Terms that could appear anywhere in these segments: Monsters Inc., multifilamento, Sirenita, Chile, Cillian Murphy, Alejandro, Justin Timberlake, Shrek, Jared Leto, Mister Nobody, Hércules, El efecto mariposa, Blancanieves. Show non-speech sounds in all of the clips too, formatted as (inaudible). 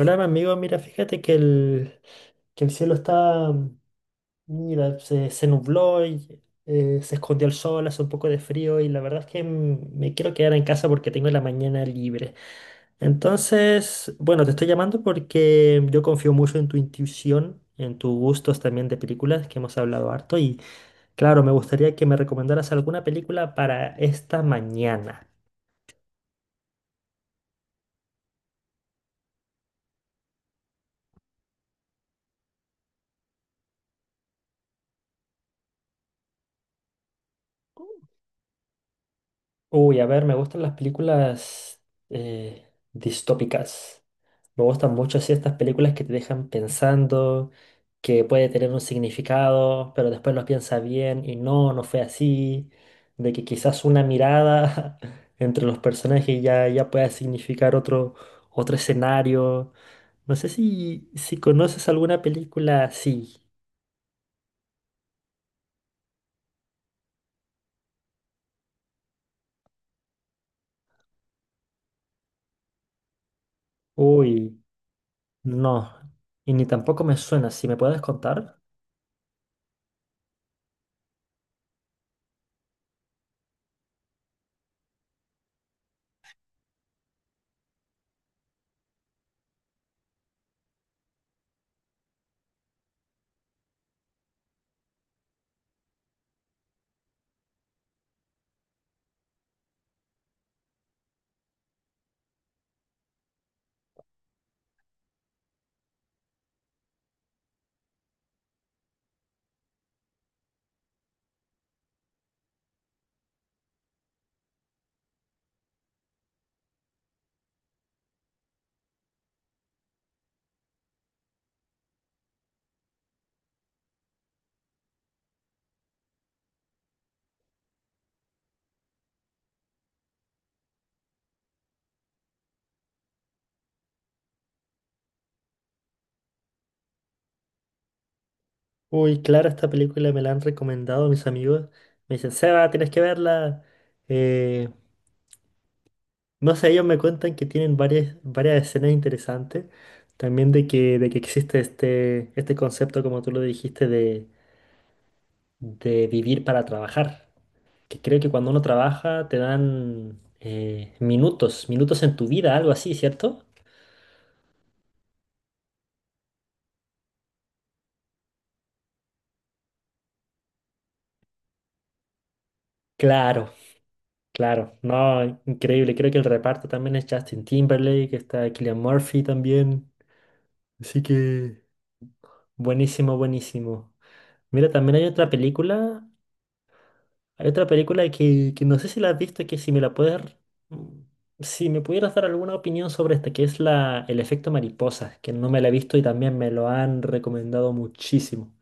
Hola, mi amigo, mira, fíjate que el cielo está, mira, se nubló y se escondió el sol, hace un poco de frío y la verdad es que me quiero quedar en casa porque tengo la mañana libre. Entonces, bueno, te estoy llamando porque yo confío mucho en tu intuición, en tus gustos también de películas, que hemos hablado harto y claro, me gustaría que me recomendaras alguna película para esta mañana. Uy, a ver, me gustan las películas eh, distópicas. Me gustan mucho así estas películas que te dejan pensando, que puede tener un significado, pero después lo piensas bien y no, no fue así. De que quizás una mirada (laughs) entre los personajes ya pueda significar otro, otro escenario. No sé si conoces alguna película así. Uy, no. Y ni tampoco me suena. ¿Si me puedes contar? Uy, claro, esta película me la han recomendado mis amigos. Me dicen, Seba, tienes que verla. Eh, No sé, ellos me cuentan que tienen varias, varias escenas interesantes. También de que existe este, este concepto, como tú lo dijiste, de vivir para trabajar. Que creo que cuando uno trabaja te dan minutos, minutos en tu vida, algo así, ¿cierto? Claro, claro. No, increíble. Creo que el reparto también es Justin Timberlake, está Cillian Murphy también. Así que buenísimo, buenísimo. Mira, también hay otra película. Hay otra película que no sé si la has visto, que si me la puedes... mm, Si me pudieras dar alguna opinión sobre esta, que es la, El efecto mariposa, que no me la he visto y también me lo han recomendado muchísimo.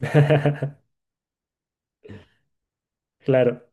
(laughs) Claro.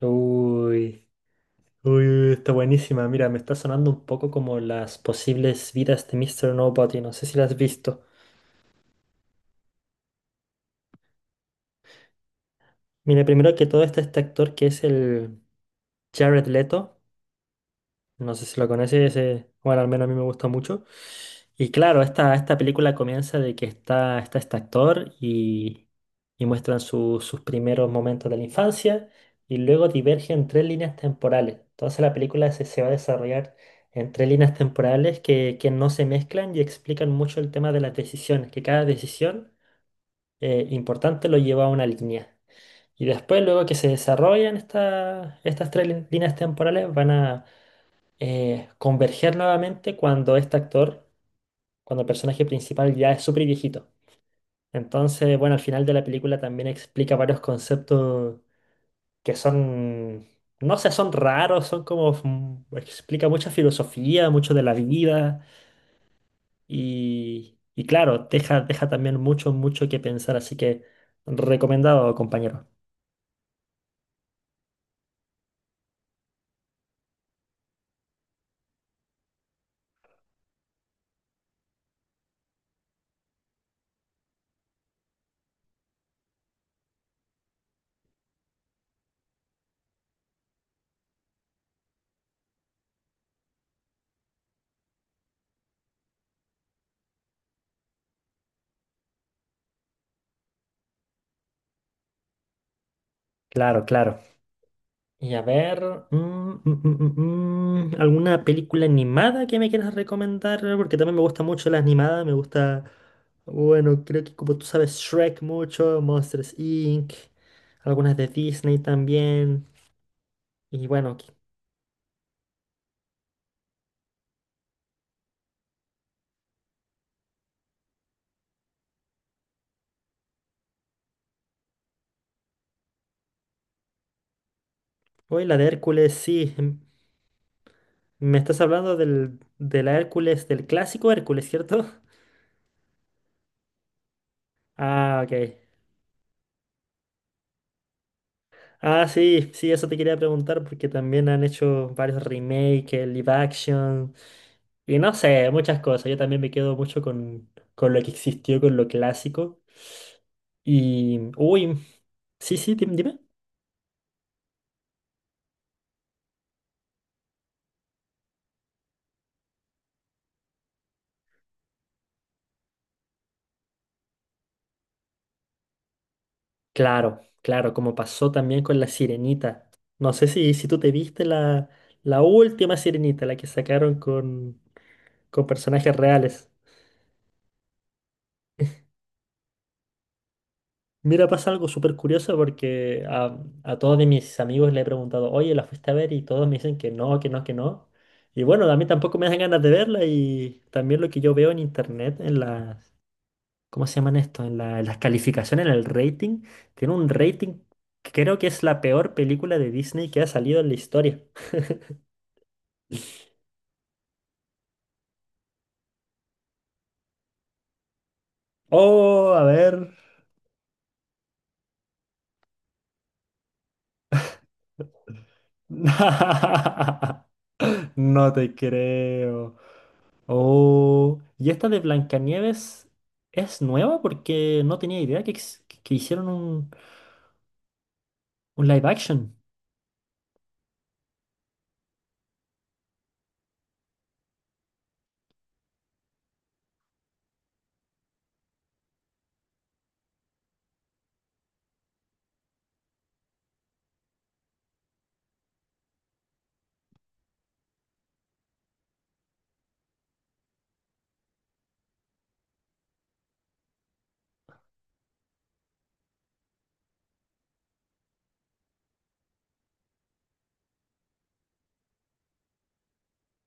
Uy. Uy, está buenísima. Mira, me está sonando un poco como las posibles vidas de Mister Nobody. No sé si la has visto. Mira, primero que todo está este actor que es el Jared Leto. No sé si lo conoces, bueno, al menos a mí me gusta mucho. Y claro, esta película comienza de que está este actor y muestran sus primeros momentos de la infancia y luego divergen tres líneas temporales. Entonces la película se va a desarrollar en tres líneas temporales que no se mezclan y explican mucho el tema de las decisiones, que cada decisión importante lo lleva a una línea. Y después, luego que se desarrollan estas tres líneas temporales, van a converger nuevamente cuando este actor, cuando el personaje principal ya es súper viejito. Entonces, bueno, al final de la película también explica varios conceptos que son, no sé, son raros, son como, explica mucha filosofía, mucho de la vida y claro, deja, deja también mucho, mucho que pensar, así que recomendado, compañero. Claro, claro. Y a ver, ¿alguna película animada que me quieras recomendar? Porque también me gusta mucho la animada, me gusta, bueno, creo que como tú sabes, Shrek mucho, Monsters Inc., algunas de Disney también. Y bueno, hoy la de Hércules, sí, me estás hablando del, de la Hércules, del clásico Hércules, ¿cierto? (laughs) Ah, ok. Ah, sí, sí, eso te quería preguntar porque también han hecho varios remakes, el live action y no sé, muchas cosas. Yo también me quedo mucho con lo que existió, con lo clásico. Y, uy, sí, sí, dime. Claro, claro, como pasó también con la Sirenita. No sé si tú te viste la, la última Sirenita, la que sacaron con personajes reales. Mira, pasa algo súper curioso porque a todos de mis amigos le he preguntado, oye, ¿la fuiste a ver? Y todos me dicen que no, que no, que no. Y bueno, a mí tampoco me dan ganas de verla y también lo que yo veo en internet, en las, ¿cómo se llaman esto? En las calificaciones, en el rating, tiene un rating que creo que es la peor película de Disney que ha salido en la historia. Oh, a ver. (laughs) No te creo. Oh, y esta de Blancanieves es nueva porque no tenía idea que, que hicieron un live action.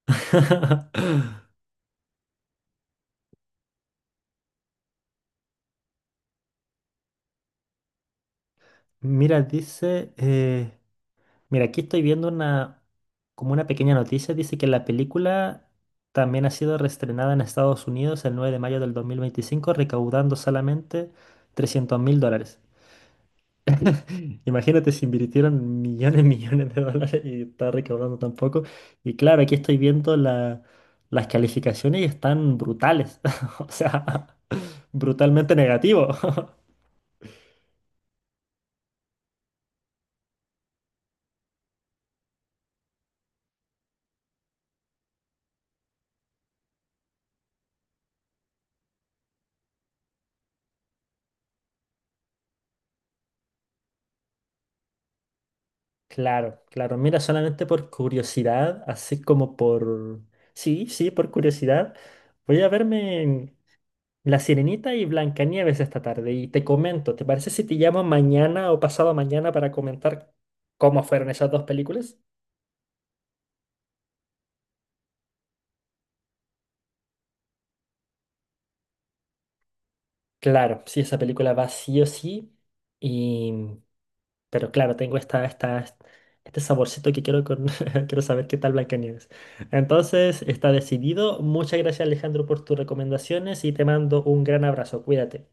(laughs) Mira, dice, mira, aquí estoy viendo una, como una pequeña noticia, dice que la película también ha sido reestrenada en Estados Unidos el 9 de mayo de 2025 recaudando solamente $300.000. Imagínate si invirtieron millones, (laughs) millones de dólares y está recaudando tan poco. Y claro, aquí estoy viendo las calificaciones y están brutales. (laughs) O sea, brutalmente negativo. (laughs) Claro, claro. Mira, solamente por curiosidad, así como por... Sí, sí, por curiosidad. Voy a verme La Sirenita y Blancanieves esta tarde y te comento. ¿Te parece si te llamo mañana o pasado mañana para comentar cómo fueron esas dos películas? Claro, sí, esa película va sí o sí. Y, pero claro, tengo esta, esta, este saborcito que quiero, con, (laughs) quiero saber qué tal Blancanieves. Entonces, está decidido. Muchas gracias, Alejandro, por tus recomendaciones y te mando un gran abrazo. Cuídate.